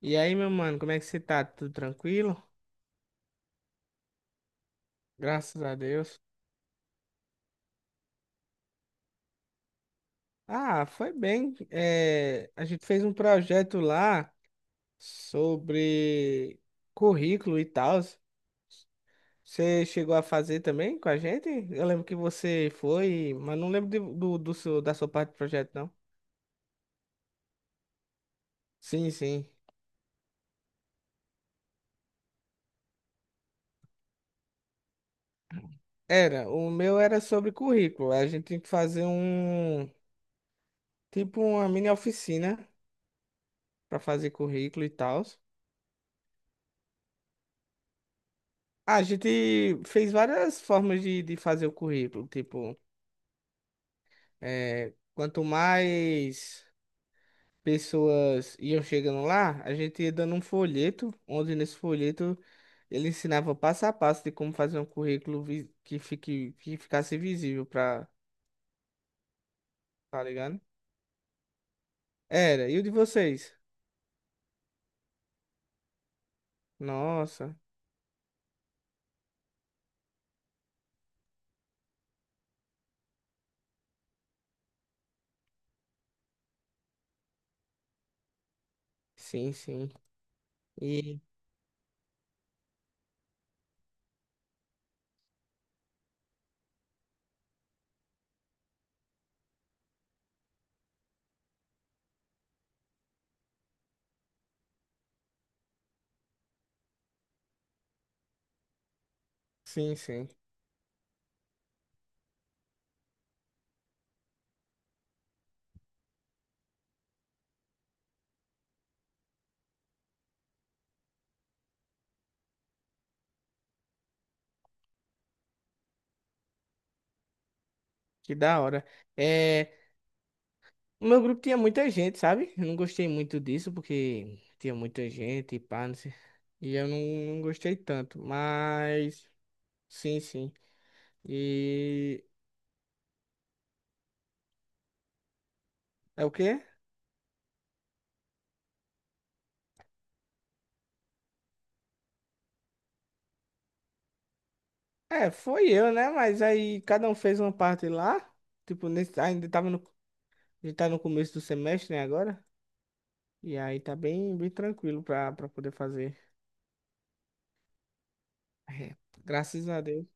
E aí, meu mano, como é que você tá? Tudo tranquilo? Graças a Deus. Ah, foi bem. É, a gente fez um projeto lá sobre currículo e tal. Você chegou a fazer também com a gente? Eu lembro que você foi, mas não lembro da sua parte do projeto, não. Sim, sim. Era. O meu era sobre currículo. A gente tinha que fazer um, tipo uma mini oficina para fazer currículo e tal. A gente fez várias formas de fazer o currículo. Tipo, é, quanto mais pessoas iam chegando lá, a gente ia dando um folheto, onde nesse folheto ele ensinava passo a passo de como fazer um currículo que ficasse visível para tá ligado? Era, e o de vocês? Nossa, sim, sim. E sim, sim. Que da hora. É, o meu grupo tinha muita gente, sabe? Eu não gostei muito disso, porque tinha muita gente e pá, não sei. E eu não, não gostei tanto, mas sim, sim. E é o quê? É, foi eu, né? Mas aí cada um fez uma parte lá. Tipo, nesse, ainda tava no, a gente tá no começo do semestre, né, agora? E aí tá bem, bem tranquilo pra poder fazer. É, graças a Deus.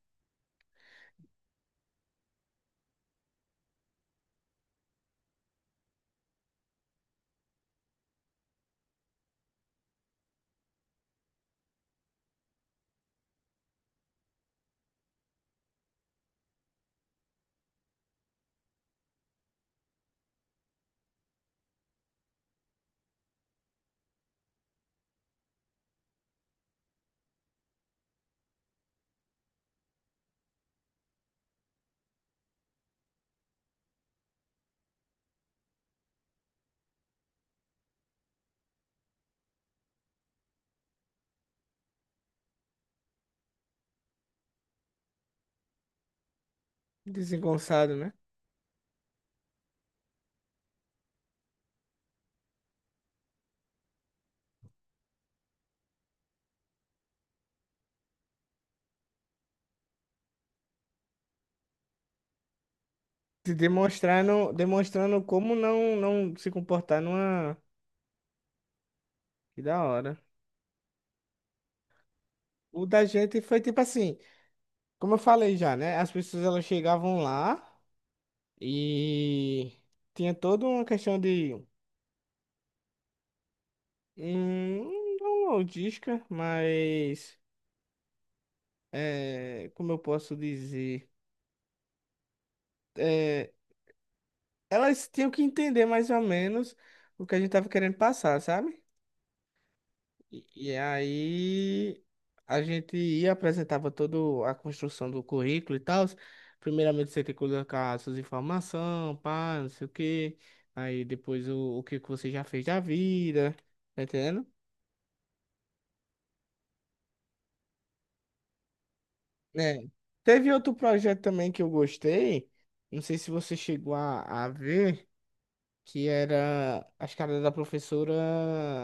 Desengonçado, né? Se demonstrando, demonstrando como não, não se comportar numa. Que da hora. O da gente foi tipo assim, como eu falei já, né? As pessoas elas chegavam lá e tinha toda uma questão de não logística, mas é, como eu posso dizer, é, elas tinham que entender mais ou menos o que a gente tava querendo passar, sabe? E aí a gente ia apresentava toda a construção do currículo e tal. Primeiramente você tem que colocar as suas informações, pá, não sei o quê. Aí depois o que que você já fez da vida, tá entendendo? É. Teve outro projeto também que eu gostei. Não sei se você chegou a ver, que era as caras da professora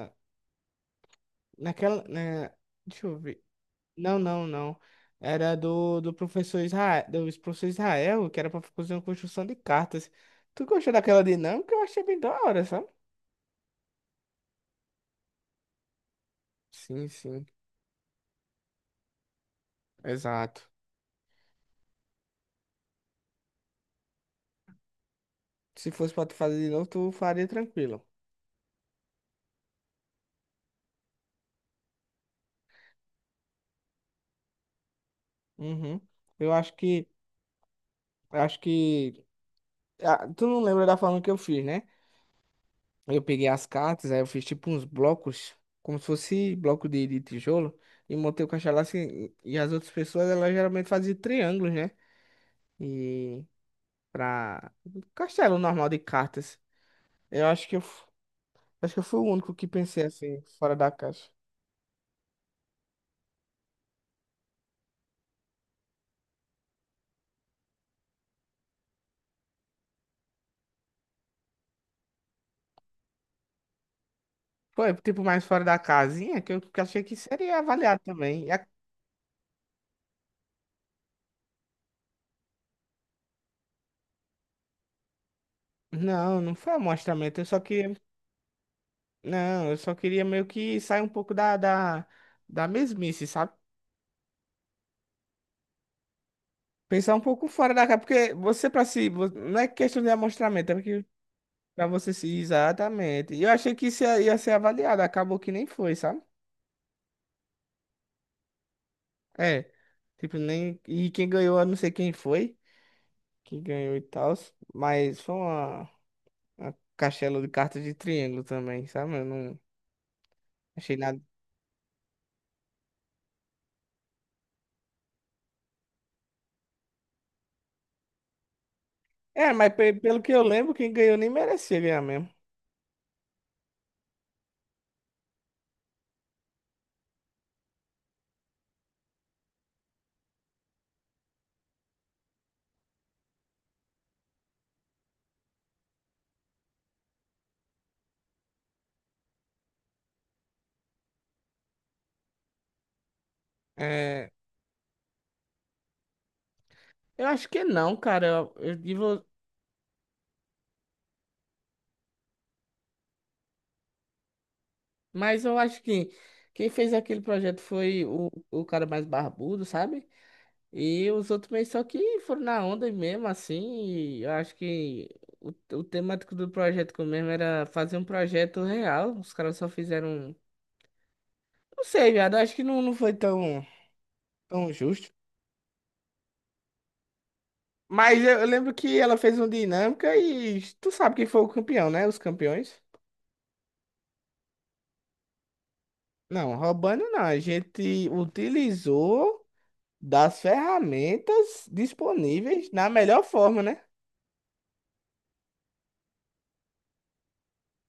naquela, né? Deixa eu ver. Não, não, não. Era do professor Israel, do professor Israel, que era pra fazer uma construção de cartas. Tu gostou daquela dinâmica? Eu achei bem da hora, sabe? Sim, sim, exato. Se fosse pra tu fazer de novo, tu faria tranquilo. Uhum. Eu acho que, ah, tu não lembra da forma que eu fiz, né? Eu peguei as cartas, aí eu fiz tipo uns blocos, como se fosse bloco de tijolo, e montei o caixa lá assim, e as outras pessoas, elas geralmente faziam triângulos, né? E pra castelo normal de cartas. Eu acho que eu fui o único que pensei assim, fora da caixa. Foi, tipo, mais fora da casinha, que eu que achei que seria avaliado também. Não, não foi amostramento, eu só queria. Não, eu só queria meio que sair um pouco da mesmice, sabe? Pensar um pouco fora da caixa, porque você pra si, não é questão de amostramento, é porque pra você se. Exatamente. E eu achei que isso ia ser avaliado, acabou que nem foi, sabe? É. Tipo, nem. E quem ganhou, eu não sei quem foi. Que ganhou e tal, mas foi uma castelo de cartas de triângulo também, sabe? Eu não achei nada. É, mas pelo que eu lembro, quem ganhou nem merecia ganhar mesmo. É, eu acho que não, cara. Mas eu acho que quem fez aquele projeto foi o cara mais barbudo, sabe? E os outros meio só que foram na onda mesmo, assim. E eu acho que o, o temático do projeto que eu mesmo era fazer um projeto real. Os caras só fizeram. Não sei, viado. Eu acho que não, não foi tão. Tão justo. Mas eu lembro que ela fez um dinâmica e tu sabe quem foi o campeão, né? Os campeões. Não, roubando não. A gente utilizou das ferramentas disponíveis na melhor forma, né?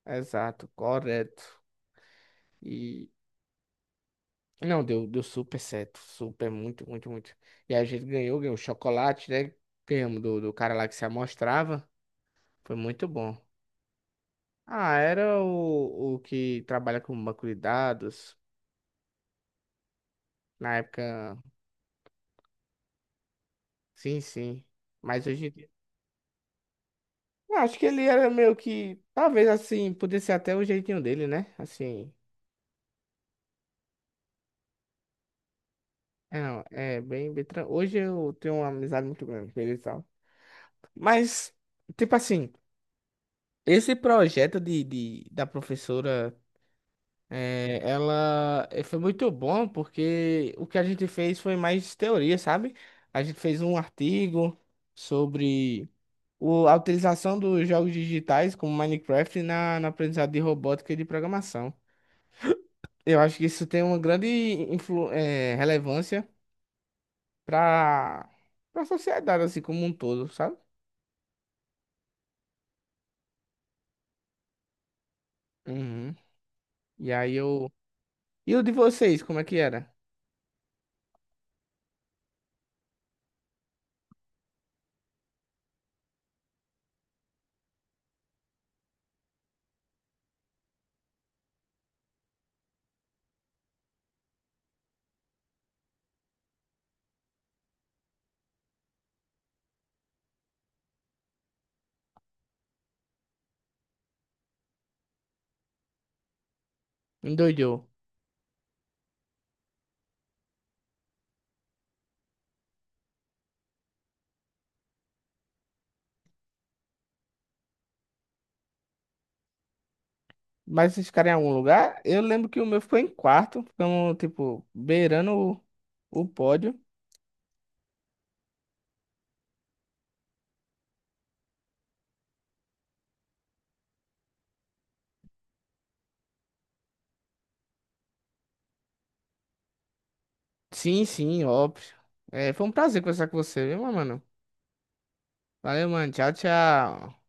Exato, correto. E não, deu, deu super certo. Super, muito, muito, muito. E a gente ganhou, ganhou chocolate, né? Ganhamos do, do cara lá que se amostrava. Foi muito bom. Ah, era o que trabalha com banco de dados. Na época. Sim, sim. Mas hoje em dia. Eu acho que ele era meio que. Talvez assim, pudesse ser até o jeitinho dele, né? Assim. É, não, é bem, bem. Hoje eu tenho uma amizade muito grande com ele e tal. Mas, tipo assim, esse projeto da professora, foi muito bom porque o que a gente fez foi mais teoria, sabe? A gente fez um artigo sobre o, a utilização dos jogos digitais como Minecraft na aprendizagem de robótica e de programação. Eu acho que isso tem uma grande relevância para para a sociedade, assim, como um todo, sabe? Uhum. E aí eu. E o de vocês, como é que era? Endoidou. Mas vocês ficaram em algum lugar? Eu lembro que o meu ficou em quarto, ficamos, tipo, beirando o pódio. Sim, sim, óbvio. É, foi um prazer conversar com você, viu, meu mano? Valeu, mano. Tchau, tchau.